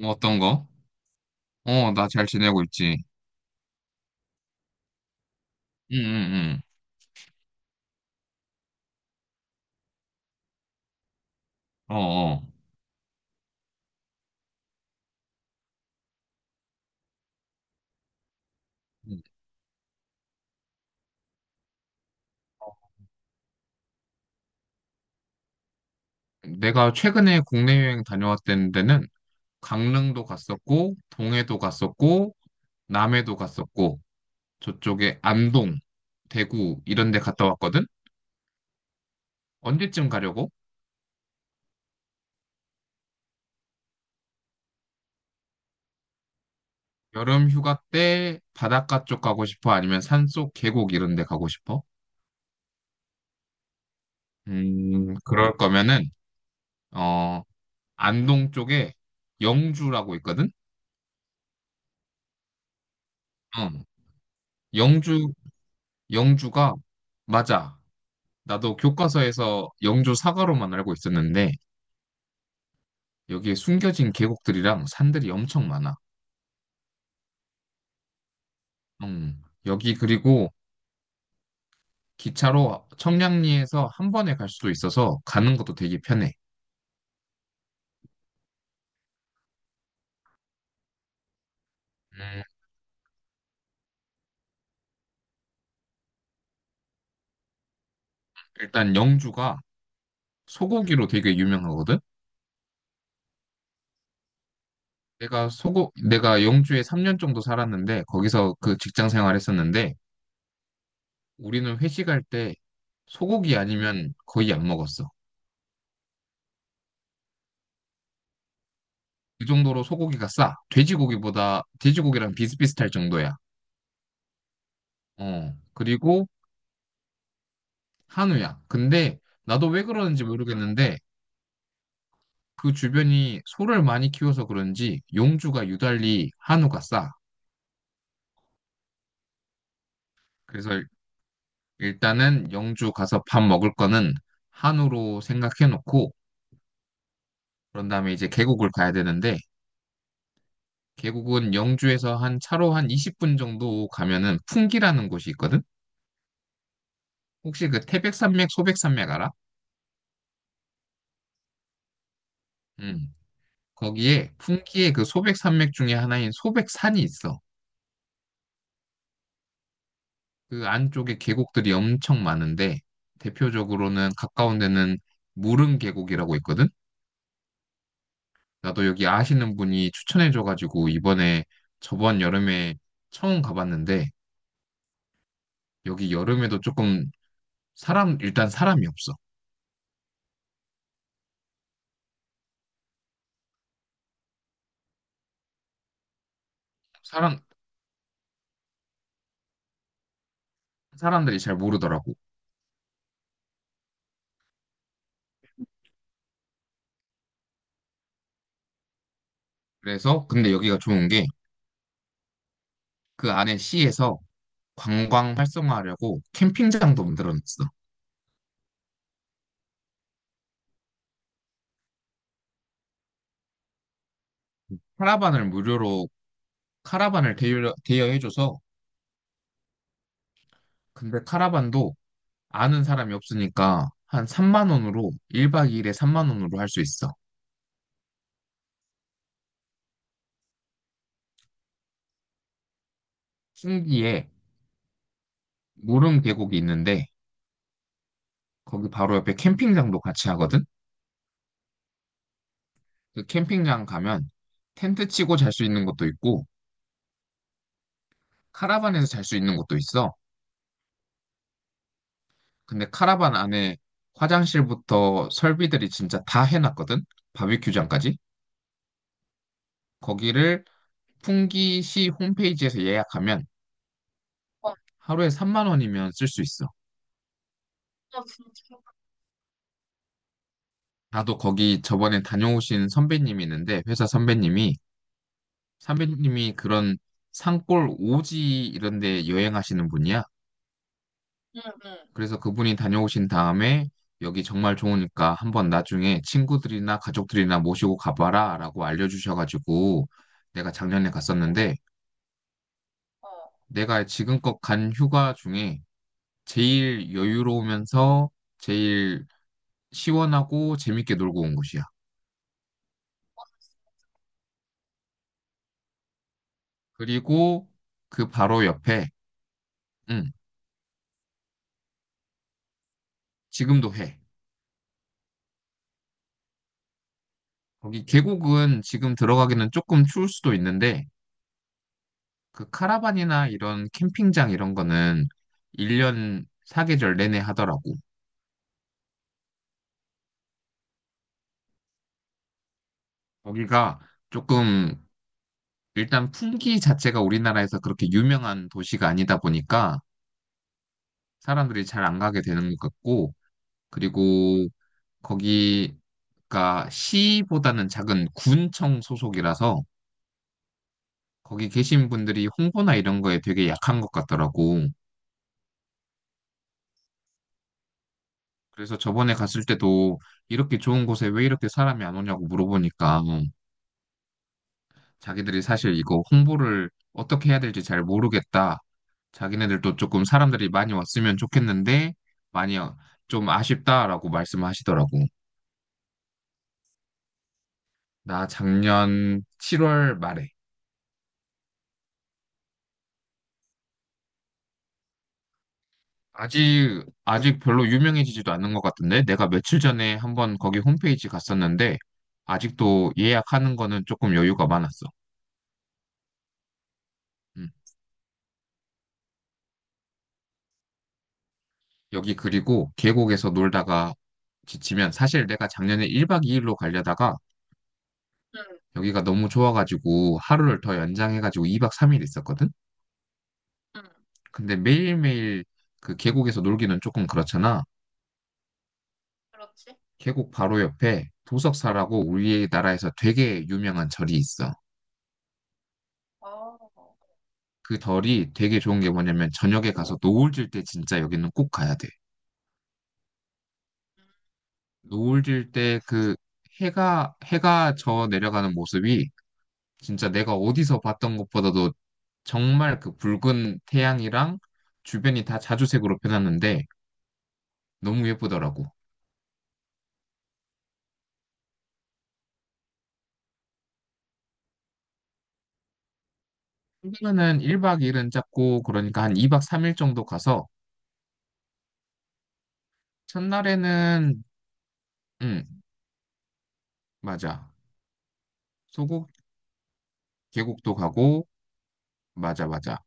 뭐 어떤 거? 어, 나 잘 지내고 있지. 응, 응, 응. 어, 어. 내가 최근에 국내 여행 다녀왔던 데는 강릉도 갔었고, 동해도 갔었고, 남해도 갔었고, 저쪽에 안동, 대구 이런 데 갔다 왔거든? 언제쯤 가려고? 여름 휴가 때 바닷가 쪽 가고 싶어? 아니면 산속 계곡 이런 데 가고 싶어? 그럴 거면은, 어, 안동 쪽에 영주라고 있거든? 어, 영주 영주가 맞아. 나도 교과서에서 영주 사과로만 알고 있었는데 여기에 숨겨진 계곡들이랑 산들이 엄청 많아. 여기 그리고 기차로 청량리에서 한 번에 갈 수도 있어서 가는 것도 되게 편해. 음, 일단 영주가 소고기로 되게 유명하거든. 내가 영주에 3년 정도 살았는데 거기서 그 직장 생활했었는데 우리는 회식할 때 소고기 아니면 거의 안 먹었어. 그 정도로 소고기가 싸. 돼지고기보다, 돼지고기랑 비슷비슷할 정도야. 어, 그리고 한우야. 근데 나도 왜 그러는지 모르겠는데 그 주변이 소를 많이 키워서 그런지 용주가 유달리 한우가 싸. 그래서 일단은 영주 가서 밥 먹을 거는 한우로 생각해 놓고 그런 다음에 이제 계곡을 가야 되는데 계곡은 영주에서 한 차로 한 20분 정도 가면은 풍기라는 곳이 있거든? 혹시 그 태백산맥, 소백산맥 알아? 음. 거기에 풍기의 그 소백산맥 중에 하나인 소백산이 있어. 그 안쪽에 계곡들이 엄청 많은데 대표적으로는 가까운 데는 무릉 계곡이라고 있거든. 나도 여기 아시는 분이 추천해줘가지고 이번에 저번 여름에 처음 가봤는데 여기 여름에도 조금 사람 일단 사람이 없어. 사람 사람들이 잘 모르더라고. 그래서 근데 여기가 좋은 게 그 안에 시에서 관광 활성화하려고 캠핑장도 만들어놨어. 카라반을 무료로 카라반을 대여해줘서 근데 카라반도 아는 사람이 없으니까 한 3만 원으로 1박 2일에 3만 원으로 할 수 있어. 풍기에 무릉 계곡이 있는데 거기 바로 옆에 캠핑장도 같이 하거든. 그 캠핑장 가면 텐트 치고 잘 수 있는 것도 있고 카라반에서 잘 수 있는 것도 있어. 근데 카라반 안에 화장실부터 설비들이 진짜 다 해놨거든. 바비큐장까지. 거기를 풍기시 홈페이지에서 예약하면 하루에 3만 원이면 쓸 수 있어. 나도 거기 저번에 다녀오신 선배님이 있는데, 회사 선배님이, 선배님이 그런 산골 오지 이런 데 여행하시는 분이야. 그래서 그분이 다녀오신 다음에 여기 정말 좋으니까 한번 나중에 친구들이나 가족들이나 모시고 가봐라 라고 알려주셔가지고 내가 작년에 갔었는데, 내가 지금껏 간 휴가 중에 제일 여유로우면서 제일 시원하고 재밌게 놀고 온 곳이야. 그리고 그 바로 옆에, 응, 지금도 해. 거기 계곡은 지금 들어가기는 조금 추울 수도 있는데, 그 카라반이나 이런 캠핑장 이런 거는 1년 사계절 내내 하더라고. 거기가 조금, 일단 풍기 자체가 우리나라에서 그렇게 유명한 도시가 아니다 보니까 사람들이 잘 안 가게 되는 것 같고, 그리고 거기가 시보다는 작은 군청 소속이라서 거기 계신 분들이 홍보나 이런 거에 되게 약한 것 같더라고. 그래서 저번에 갔을 때도 이렇게 좋은 곳에 왜 이렇게 사람이 안 오냐고 물어보니까 자기들이 사실 이거 홍보를 어떻게 해야 될지 잘 모르겠다. 자기네들도 조금 사람들이 많이 왔으면 좋겠는데 많이 좀 아쉽다라고 말씀하시더라고. 나 작년 7월 말에 아직 별로 유명해지지도 않은 것 같은데 내가 며칠 전에 한번 거기 홈페이지 갔었는데 아직도 예약하는 거는 조금 여유가 많았어. 음. 여기 그리고 계곡에서 놀다가 지치면 사실 내가 작년에 1박 2일로 가려다가 여기가 너무 좋아가지고 하루를 더 연장해가지고 2박 3일 있었거든? 근데 매일매일 그 계곡에서 놀기는 조금 그렇잖아. 계곡 바로 옆에 도석사라고 우리나라에서 되게 유명한 절이 있어. 그 절이 되게 좋은 게 뭐냐면 저녁에 가서 노을 질 때 진짜 여기는 꼭 가야 돼. 노을 질 때 그 해가 저 내려가는 모습이 진짜 내가 어디서 봤던 것보다도 정말 그 붉은 태양이랑 주변이 다 자주색으로 변하는데 너무 예쁘더라고. 휴가는 1박 2일은 잡고 그러니까 한 2박 3일 정도 가서 첫날에는 응, 맞아. 소곡 계곡도 가고 맞아 맞아.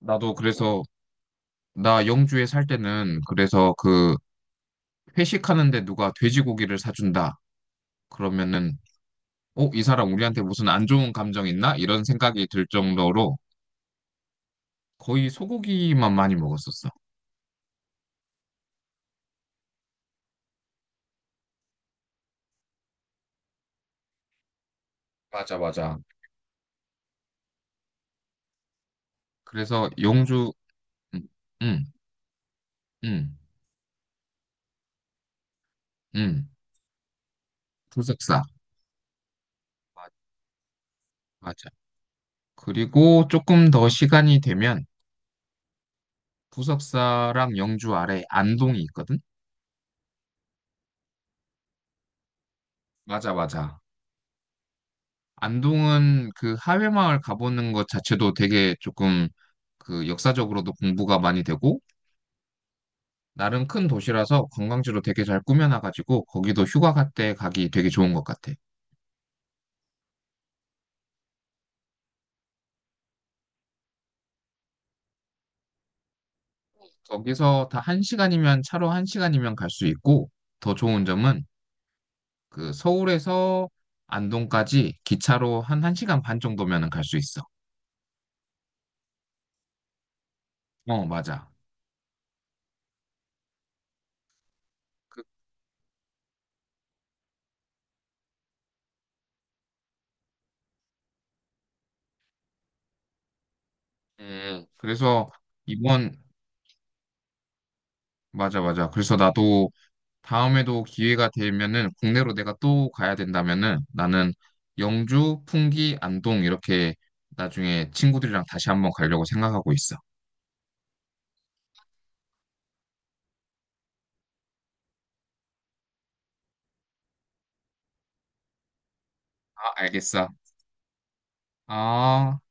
나도 그래서 나 영주에 살 때는 그래서 그 회식하는데 누가 돼지고기를 사준다. 그러면은 어, 이 사람 우리한테 무슨 안 좋은 감정 있나? 이런 생각이 들 정도로 거의 소고기만 많이 먹었었어. 맞아, 맞아. 그래서 영주, 음, 음, 음, 음, 부석사. 마- 맞아. 그리고 조금 더 시간이 되면 부석사랑 영주 아래 안동이 있거든? 맞아, 맞아. 안동은 그 하회마을 가보는 것 자체도 되게 조금 그 역사적으로도 공부가 많이 되고 나름 큰 도시라서 관광지로 되게 잘 꾸며놔가지고 거기도 휴가 갈 때 가기 되게 좋은 것 같아. 거기서 다 1시간이면 차로 1시간이면 갈 수 있고 더 좋은 점은 그 서울에서 안동까지 기차로 한 1시간 반 정도면은 갈 수 있어. 어, 맞아. 그, 그래서 이번 맞아 맞아. 그래서 나도 다음에도 기회가 되면은 국내로 내가 또 가야 된다면은 나는 영주, 풍기, 안동 이렇게 나중에 친구들이랑 다시 한번 가려고 생각하고 있어. 아, 알겠어. 아.